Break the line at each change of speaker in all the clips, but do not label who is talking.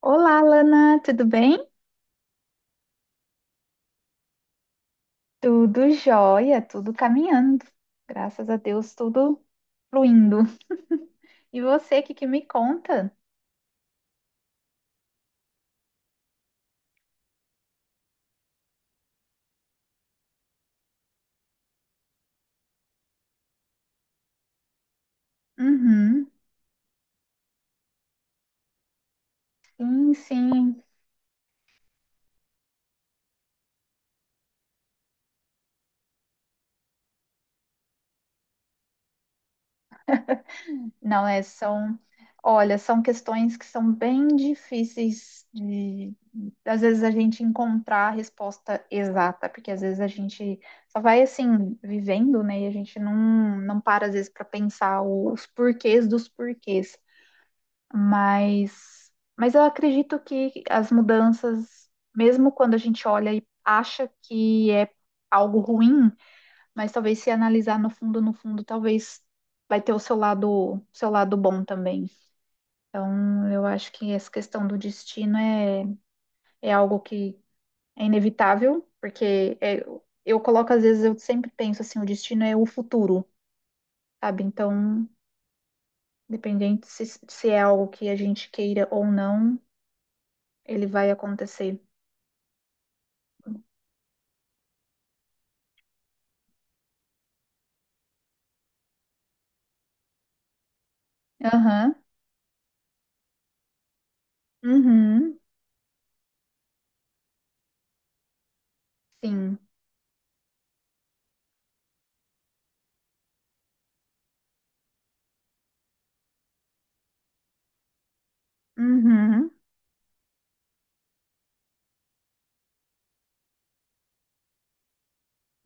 Olá, Lana, tudo bem? Tudo jóia, tudo caminhando. Graças a Deus, tudo fluindo. E você, o que que me conta? Uhum. Sim, sim. Não, é, são, olha, são questões que são bem difíceis de, às vezes, a gente encontrar a resposta exata, porque às vezes a gente só vai, assim, vivendo, né? E a gente não para, às vezes, para pensar os porquês dos porquês. Mas, mas eu acredito que as mudanças, mesmo quando a gente olha e acha que é algo ruim, mas talvez se analisar no fundo, no fundo, talvez vai ter o seu lado bom também. Então, eu acho que essa questão do destino é, é algo que é inevitável, porque eu coloco, às vezes, eu sempre penso assim, o destino é o futuro, sabe? Então, independente se é algo que a gente queira ou não, ele vai acontecer. Aham. Uhum. Sim. Uhum.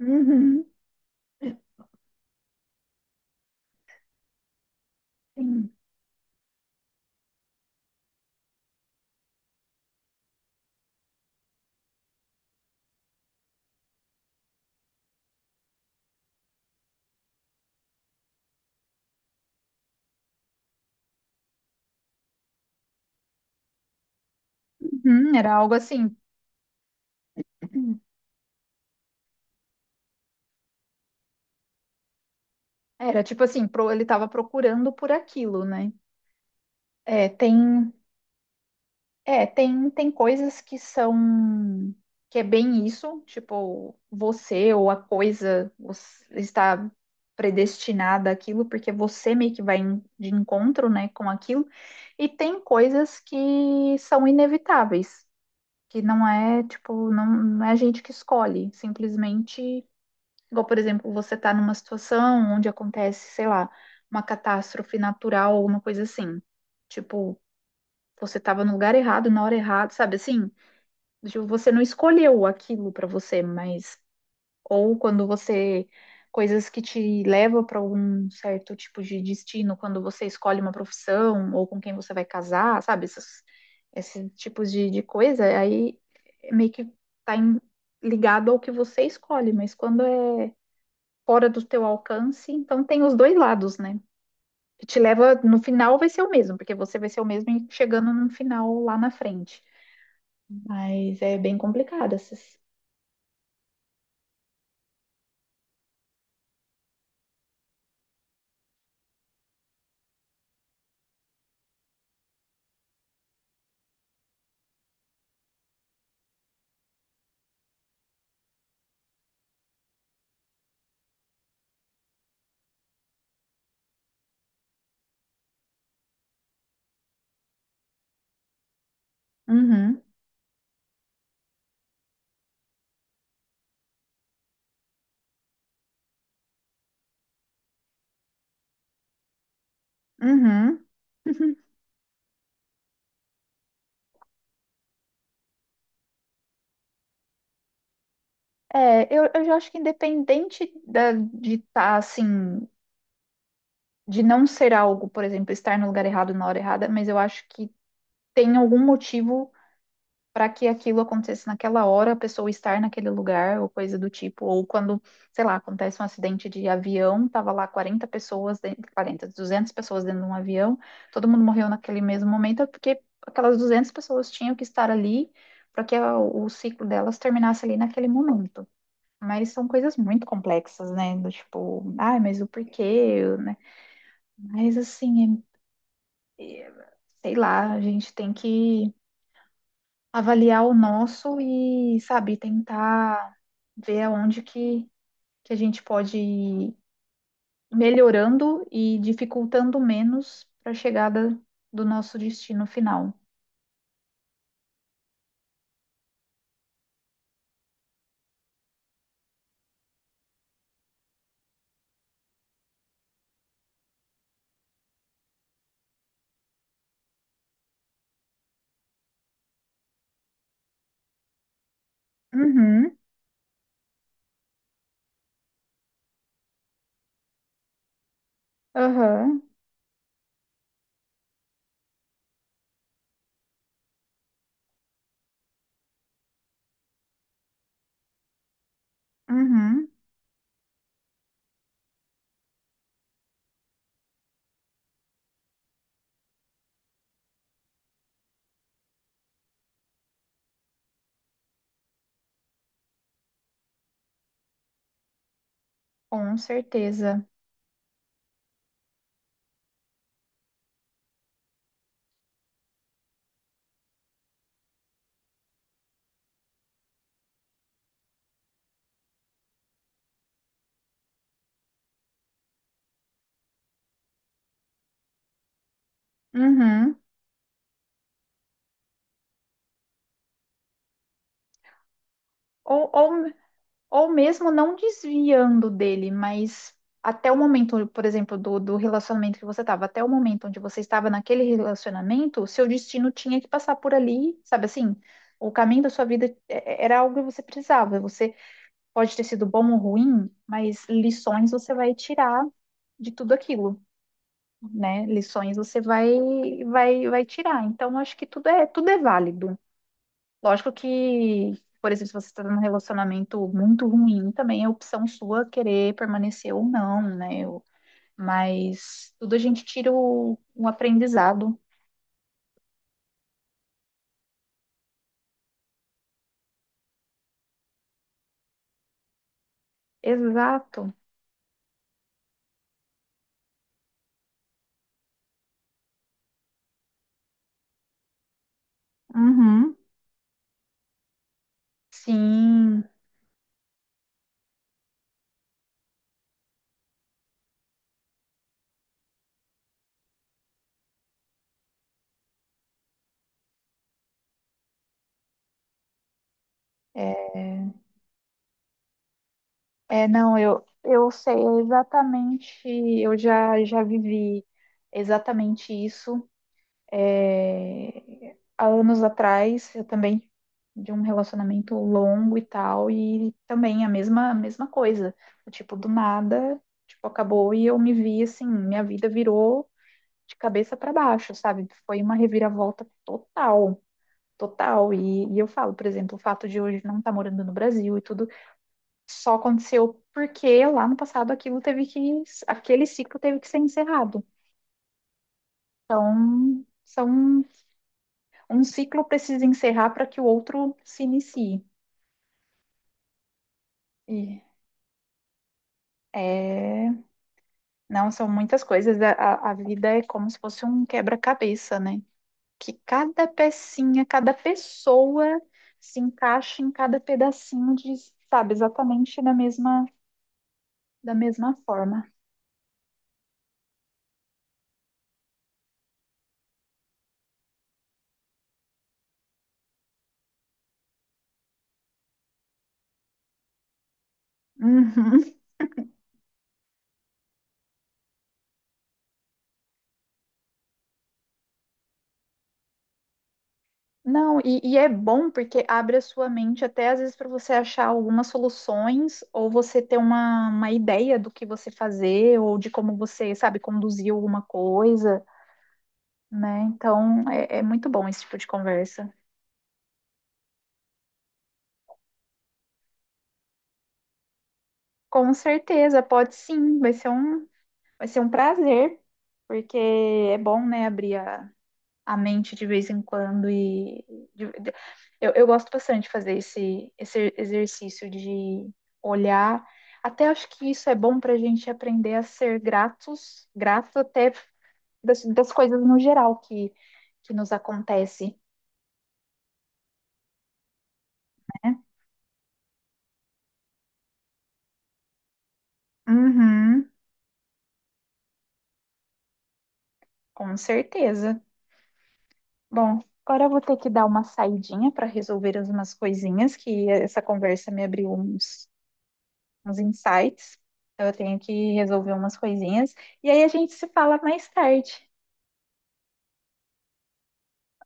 Uhum. Sim. Uhum. Era algo assim. Era tipo assim, ele estava procurando por aquilo, né? É, tem, tem coisas que são que é bem isso, tipo, você ou a coisa você está predestinada àquilo, porque você meio que de encontro, né, com aquilo. E tem coisas que são inevitáveis. Que não é, tipo, não é a gente que escolhe, simplesmente, igual, por exemplo, você está numa situação onde acontece, sei lá, uma catástrofe natural, alguma coisa assim. Tipo, você estava no lugar errado, na hora errada, sabe assim? Tipo, você não escolheu aquilo para você, mas ou quando você coisas que te levam para um certo tipo de destino, quando você escolhe uma profissão ou com quem você vai casar, sabe? Esses tipos de coisa, aí meio que tá em- ligado ao que você escolhe, mas quando é fora do teu alcance, então tem os dois lados, né? Que te leva, no final vai ser o mesmo, porque você vai ser o mesmo e chegando no final lá na frente. Mas é bem complicado essas. Uhum, uhum. Eu já acho que independente de estar assim, de não ser algo, por exemplo, estar no lugar errado na hora errada, mas eu acho que tem algum motivo para que aquilo aconteça naquela hora, a pessoa estar naquele lugar, ou coisa do tipo, ou quando, sei lá, acontece um acidente de avião, tava lá 40 pessoas, dentro, 40, 200 pessoas dentro de um avião, todo mundo morreu naquele mesmo momento, é porque aquelas 200 pessoas tinham que estar ali para que o ciclo delas terminasse ali naquele momento. Mas são coisas muito complexas, né? Do tipo, ai, mas o porquê, né? Mas assim, é- é- sei lá, a gente tem que avaliar o nosso e, sabe, tentar ver aonde que a gente pode ir melhorando e dificultando menos para a chegada do nosso destino final. Uhum, aham, uhum, com certeza. Uhum. Ou, ou Ou mesmo não desviando dele, mas até o momento, por exemplo, do relacionamento que você estava, até o momento onde você estava naquele relacionamento, o seu destino tinha que passar por ali, sabe assim? O caminho da sua vida era algo que você precisava. Você pode ter sido bom ou ruim, mas lições você vai tirar de tudo aquilo, né? Lições você vai tirar. Então, acho que tudo é válido. Lógico que, por exemplo, se você está num relacionamento muito ruim, também é opção sua querer permanecer ou não, né? Mas tudo a gente tira um aprendizado. Exato. Uhum. Sim. É, é, não, eu sei exatamente, eu já vivi exatamente isso. Há anos atrás, eu também de um relacionamento longo e tal, e também a mesma coisa. Tipo, do nada, tipo, acabou e eu me vi assim, minha vida virou de cabeça para baixo, sabe? Foi uma reviravolta total. Total, e eu falo, por exemplo, o fato de hoje não estar morando no Brasil e tudo só aconteceu porque lá no passado aquilo teve que, aquele ciclo teve que ser encerrado. Então, são um ciclo precisa encerrar para que o outro se inicie. E é, não, são muitas coisas. A vida é como se fosse um quebra-cabeça, né? Que cada pecinha, cada pessoa se encaixa em cada pedacinho de, sabe, exatamente da mesma forma. Uhum. Não, e é bom porque abre a sua mente até às vezes para você achar algumas soluções ou você ter uma ideia do que você fazer ou de como você, sabe, conduzir alguma coisa, né? Então é muito bom esse tipo de conversa. Com certeza, pode sim, vai ser um prazer, porque é bom, né, abrir a mente de vez em quando e de- de- eu gosto bastante de fazer esse exercício de olhar. Até acho que isso é bom para a gente aprender a ser gratos, grato até das coisas no geral que nos acontece, né? Uhum, com certeza. Bom, agora eu vou ter que dar uma saidinha para resolver umas coisinhas que essa conversa me abriu uns insights. Então, eu tenho que resolver umas coisinhas. E aí a gente se fala mais tarde.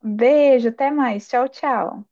Beijo, até mais. Tchau, tchau.